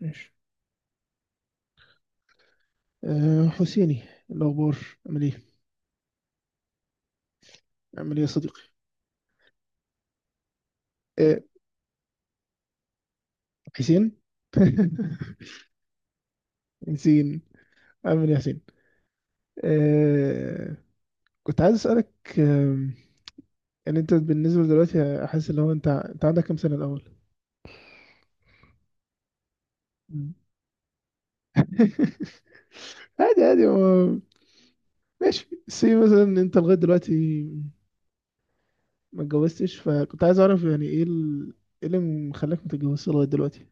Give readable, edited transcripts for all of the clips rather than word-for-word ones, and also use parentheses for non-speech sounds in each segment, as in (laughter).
ماشي. أه، حسيني الأخبار. عامل إيه؟ عامل إيه يا صديقي؟ أه. حسين؟ (laughs) حسين. عامل إيه يا حسين؟ أه. كنت عايز أسألك، آم، يعني أنت بالنسبة دلوقتي أحس إن هو أنت عندك كام سنة الأول؟ مم. (laughs) عادي هو ماشي سي مثلا إن أنت لغاية دلوقتي ما اتجوزتش، فكنت عايز أعرف يعني إيه إيه اللي مخليك ما تتجوزش لغاية دلوقتي؟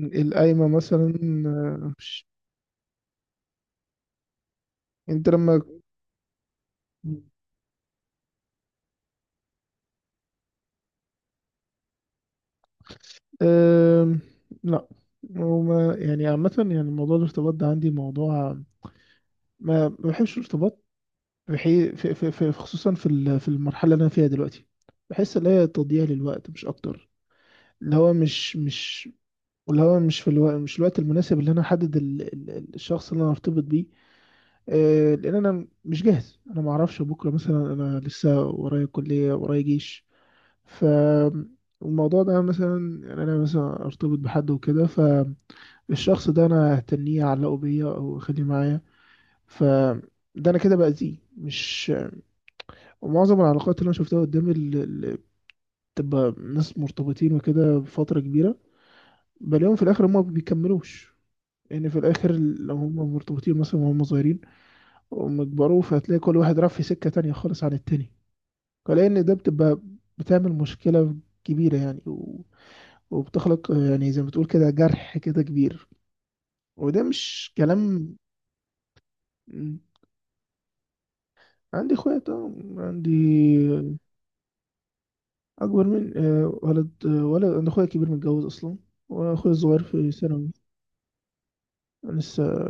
القايمة مثلا. آه، مش- أنت لما... أم، لا، وما يعني عامة يعني موضوع الارتباط ده عندي موضوع. ما بحبش الارتباط. بحي... في... في... في... خصوصا في المرحلة اللي أنا فيها دلوقتي. بحس إن هي تضييع للوقت مش أكتر. اللي هو مش مش اللي هو مش في الوقت، مش الوقت المناسب اللي أنا أحدد الشخص اللي أنا أرتبط بيه. لأن أنا مش جاهز، أنا ما أعرفش بكرة مثلا، أنا لسه ورايا كلية ورايا جيش. ف الموضوع ده مثلا يعني أنا مثلا أرتبط بحد وكده، الشخص ده انا هتنيه اعلقه بيا او اخليه معايا. ف ده انا كده باذيه مش... ومعظم العلاقات اللي انا شفتها قدامي اللي بتبقى ناس مرتبطين وكده بفتره كبيره، بلاقيهم في الاخر هم ما بيكملوش. ان في الاخر لو هم مرتبطين مثلا وهم صغيرين وهم كبروا، فهتلاقي كل واحد راح في سكه تانية خالص عن التاني. فلاقي ان ده بتبقى بتعمل مشكله كبيره يعني، و... وبتخلق يعني زي ما تقول كده جرح كده كبير. وده مش كلام. عندي اخويا طبعا عندي. اكبر من آه، ولد. آه، ولد. انا اخويا الكبير متجوز اصلا، واخويا الصغير في ثانوي لسه.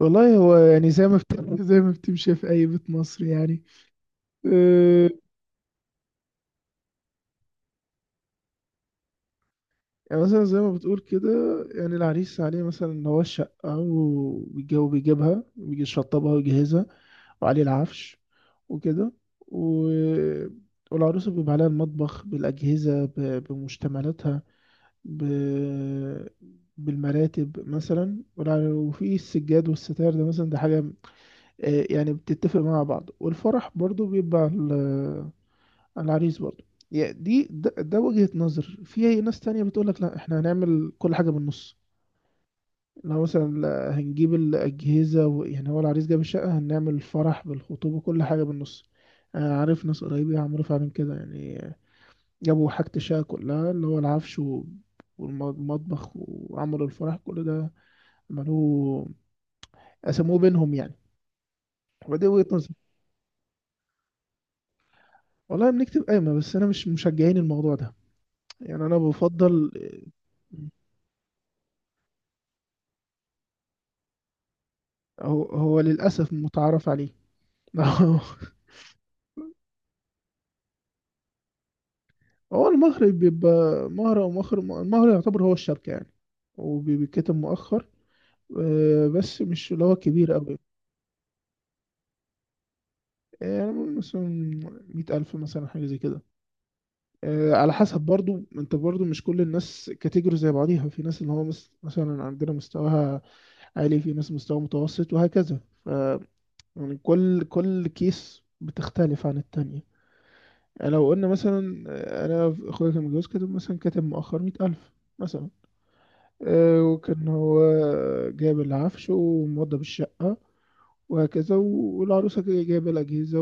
والله هو يعني زي ما بت... (laughs) زي ما بتمشي في اي بيت مصري يعني. آه. يعني مثلا زي ما بتقول كده، يعني العريس عليه مثلا اللي هو الشقة، بيجيبها بيجي يشطبها ويجهزها، وعليه العفش وكده و... والعروسة بيبقى عليها المطبخ بالأجهزة بمشتملاتها، ب... بالمراتب مثلا، وفي السجاد والستار ده مثلا، ده حاجة. آه، يعني بتتفق مع بعض، والفرح برضو بيبقى على العريس برضو. يعني ده وجهة نظر. في ناس تانية بتقولك لا احنا هنعمل كل حاجة بالنص. لو مثلا لا، هنجيب الأجهزة و... يعني هو العريس جاب الشقة، هنعمل الفرح بالخطوبة كل حاجة بالنص. آه، عارف ناس قريبة عملوا فعلا كده يعني، جابوا حاجة الشقة كلها اللي هو العفش والمطبخ، وعملوا الفرح كل ده عملوه، قسموه بينهم يعني. ودي وجهة نظري. والله بنكتب قايمة، بس أنا مش مشجعين الموضوع ده، يعني أنا بفضل... هو هو للأسف متعارف عليه. (laughs) هو المهر بيبقى مهر أو المهر يعتبر هو الشبكة يعني، وبيتكتب مؤخر. آه، بس مش اللي هو كبير أوي. يعني مثلا 100,000 مثلا، حاجة زي كده. آه، على حسب، برضو انت برضو مش كل الناس كاتيجوري زي بعضيها. في ناس اللي هو مثلا عندنا مستواها عالي، في ناس مستوى متوسط وهكذا. ف يعني كل كيس بتختلف عن التانية. يعني لو قلنا مثلا آه، انا اخويا كان متجوز كاتب مثلا، مؤخر 100,000 مثلا. آه، وكان هو جايب العفش وموضب الشقة وهكذا، والعروسة جايبة الأجهزة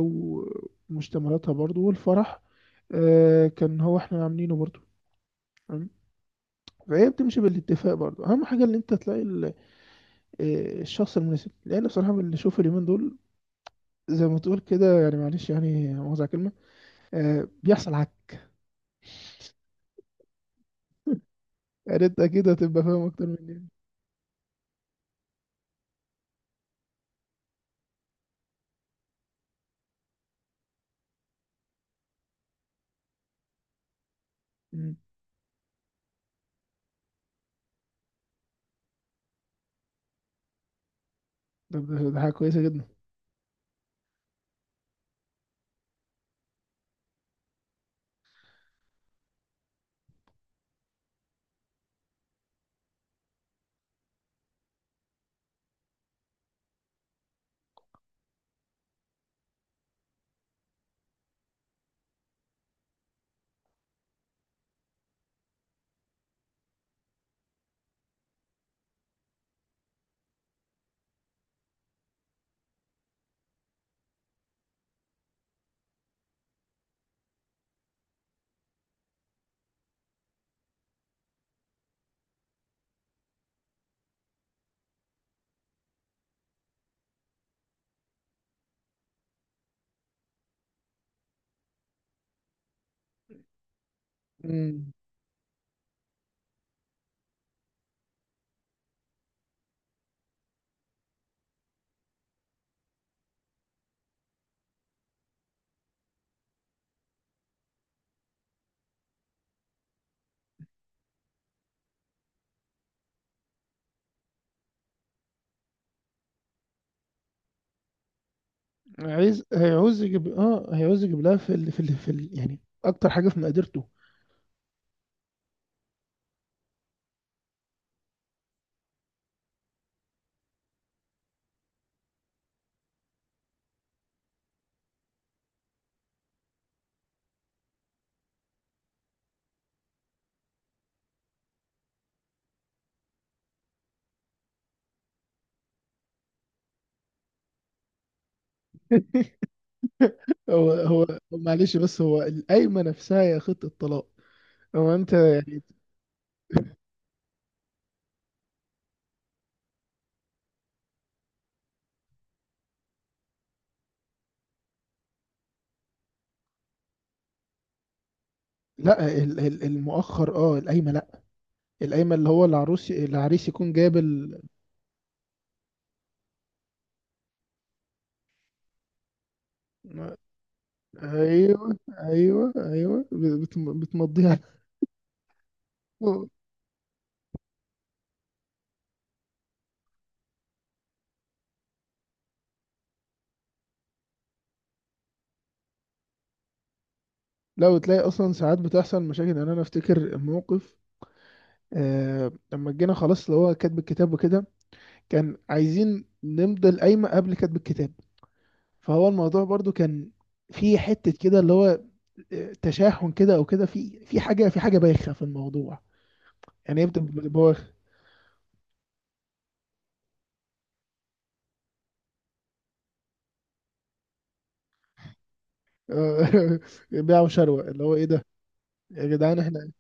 ومشتملاتها برضو، والفرح آه، كان هو احنا عاملينه برضو. فهي بتمشي بالاتفاق برضه. اهم حاجه ان انت تلاقي آه، الشخص المناسب، لان بصراحه من اللي شوف اليومين دول زي ما تقول كده، يعني معلش يعني مؤاخذه على الكلمه، آه، بيحصل عك. يعني انت كده هتبقى فاهم اكتر مني. مم. طب ده حاجه كويسه جدا. مم. عايز هيعوز يجيب اه هيعوز يجيب لها يعني اكتر حاجه في مقدرته. (laughs) هو هو معلش، بس هو القايمه نفسها هي خطه طلاق. هو انت يعني لا المؤخر اه القايمه. القايمة اللي هو العروس العريس يكون جايب ال... ايوه، بتمضيها. لو تلاقي اصلا ساعات بتحصل مشاكل، يعني انا افتكر موقف آه لما جينا خلاص اللي هو كاتب الكتاب وكده، كان عايزين نمضي القايمة قبل كاتب الكتاب. فهو الموضوع برضو كان في حتة كده اللي هو آه، تشاحن كده او كده، في في حاجة، في حاجة بايخة في الموضوع يعني يبدأ بواخ. (laughs) بيع وشروة اللي هو ايه ده يا جدعان احنا.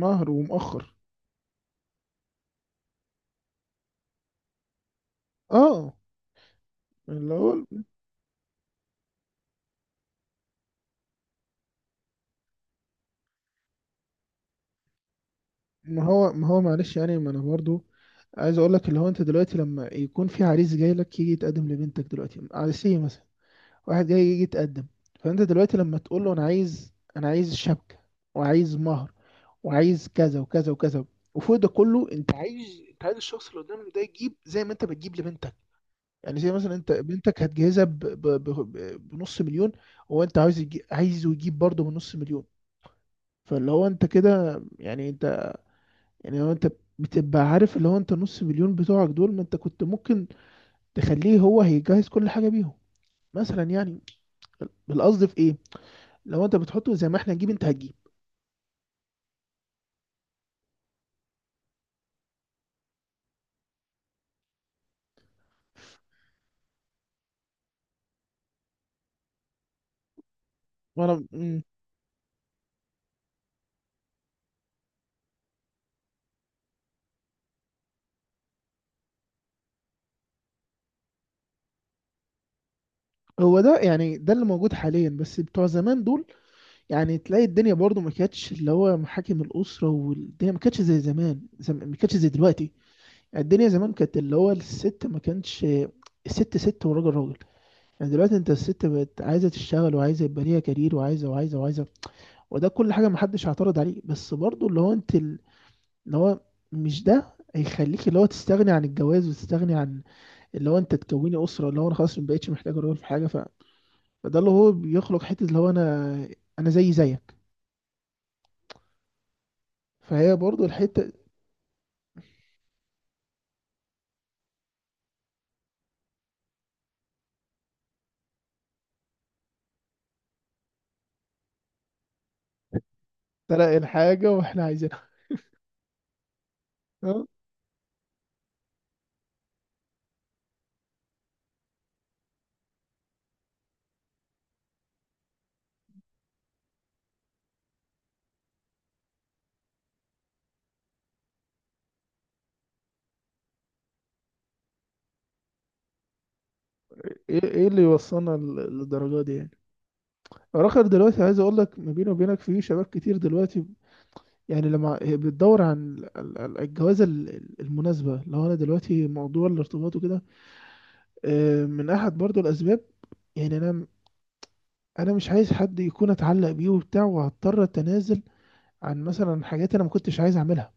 مهر ومؤخر. اه اللي هو ما هو معلش، يعني ما انا برضو عايز اقول لك اللي هو انت دلوقتي لما يكون في عريس جاي لك يجي يتقدم لبنتك دلوقتي عريسيه مثلا، واحد جاي يجي يتقدم. فانت دلوقتي لما تقول له انا عايز شبكه وعايز مهر وعايز كذا وكذا وكذا، وفوق ده كله انت عايز الشخص اللي قدامك ده يجيب زي ما انت بتجيب لبنتك. يعني زي مثلا انت بنتك هتجهزها بنص مليون، وانت عايز عايزه يجيب برضه بنص مليون. فاللي هو انت كده يعني انت... يعني لو انت بتبقى عارف اللي هو انت نص مليون بتوعك دول، ما انت كنت ممكن تخليه هو هيجهز كل حاجه بيهم مثلا يعني. القصد في ايه؟ لو انت بتحطه زي ما احنا نجيب انت هتجيب. مم. هو ده يعني ده اللي موجود حاليا، بس بتوع زمان دول يعني، تلاقي الدنيا برضو ما كانتش اللي هو محاكم الاسره، والدنيا ما كانتش زي زمان، ما كانتش زي دلوقتي. يعني الدنيا زمان كانت اللي هو الست ما كانش... الست ست والراجل راجل. يعني دلوقتي انت الست بقت عايزه تشتغل وعايزه يبقى ليها كارير، وعايزه. وده كل حاجه محدش هيعترض عليه، بس برضو اللي هو انت اللي هو مش ده هيخليك اللي هو تستغني عن الجواز وتستغني عن اللي هو انت تكوني اسره اللي هو انا خلاص ما بقتش محتاج راجل في حاجه. فده اللي هو بيخلق حته اللي هو انا زي زيك. فهي برضو الحته تلاقي الحاجه واحنا عايزينها. اه؟ ايه اللي يوصلنا للدرجه دي يعني. رخر دلوقتي عايز اقول لك ما بيني وبينك في شباب كتير دلوقتي. يعني لما هي بتدور عن الجوازه المناسبه، لو انا دلوقتي موضوع الارتباط وكده آه، من احد برضو الاسباب. يعني انا مش عايز حد يكون اتعلق بيه وبتاع وهضطر اتنازل عن مثلا حاجات انا ما كنتش عايز اعملها.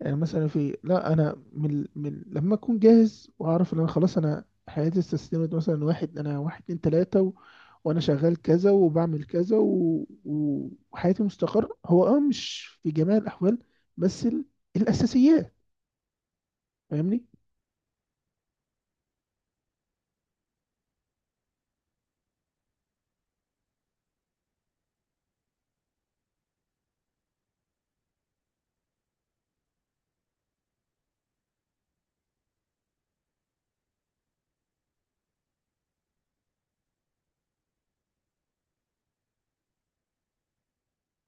يعني مثلا في لا انا من لما اكون جاهز واعرف ان انا خلاص، انا حياتي استسلمت مثلا واحد، انا واحد اتنين تلاتة و... وانا شغال كذا وبعمل كذا و... وحياتي مستقر، هو اه مش في جميع الاحوال، بس الاساسيات. فاهمني.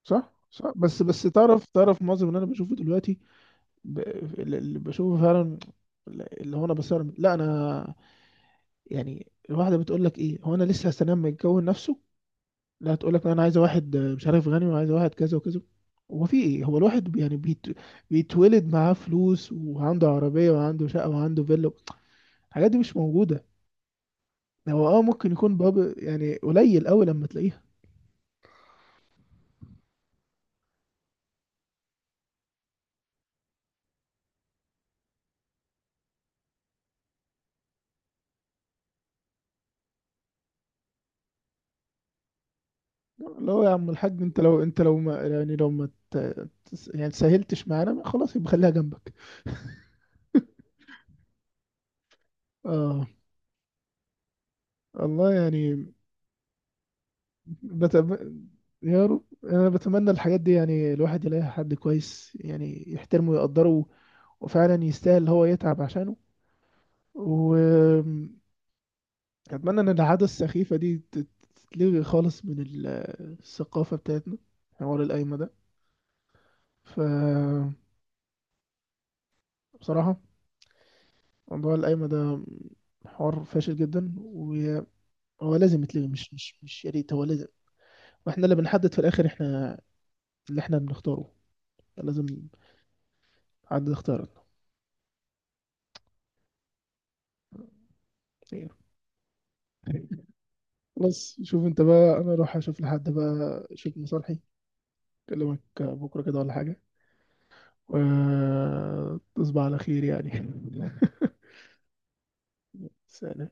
صح بس تعرف معظم اللي انا بشوفه دلوقتي. ب- اللي بشوفه فعلا اللي هو انا بصرم لا انا. يعني الواحده بتقول لك ايه، هو انا لسه هستنى لما يتجوز نفسه، لا تقول لك انا عايزه واحد مش عارف غني، وعايزه واحد كذا وكذا. هو في ايه، هو الواحد يعني بيتولد معاه فلوس، وعنده عربيه وعنده شقه وعنده فيلا. الحاجات دي مش موجوده. هو اه ممكن يكون باب يعني قليل قوي لما تلاقيها. لا هو يا عم الحاج، انت لو لو ما يعني لو ما يعني سهلتش معانا خلاص يبقى خليها جنبك. اه والله يعني. بتم... يا رب، انا بتمنى الحاجات دي يعني الواحد يلاقي حد كويس يعني يحترمه ويقدره، وفعلا يستاهل اللي هو يتعب عشانه. واتمنى ان العادة السخيفة دي تتلغي خالص من الثقافة بتاعتنا، حوار القايمة ده. ف بصراحة موضوع القايمة ده حوار فاشل جدا، وهو لازم يتلغي. مش مش مش يا ريت، هو لازم، واحنا اللي بنحدد في الاخر احنا اللي احنا بنختاره. لازم حد يختارنا. بس شوف انت بقى، انا اروح اشوف لحد بقى شوف مصالحي. اكلمك بكره كده ولا حاجه. وتصبح على خير يعني. (laughs) سلام.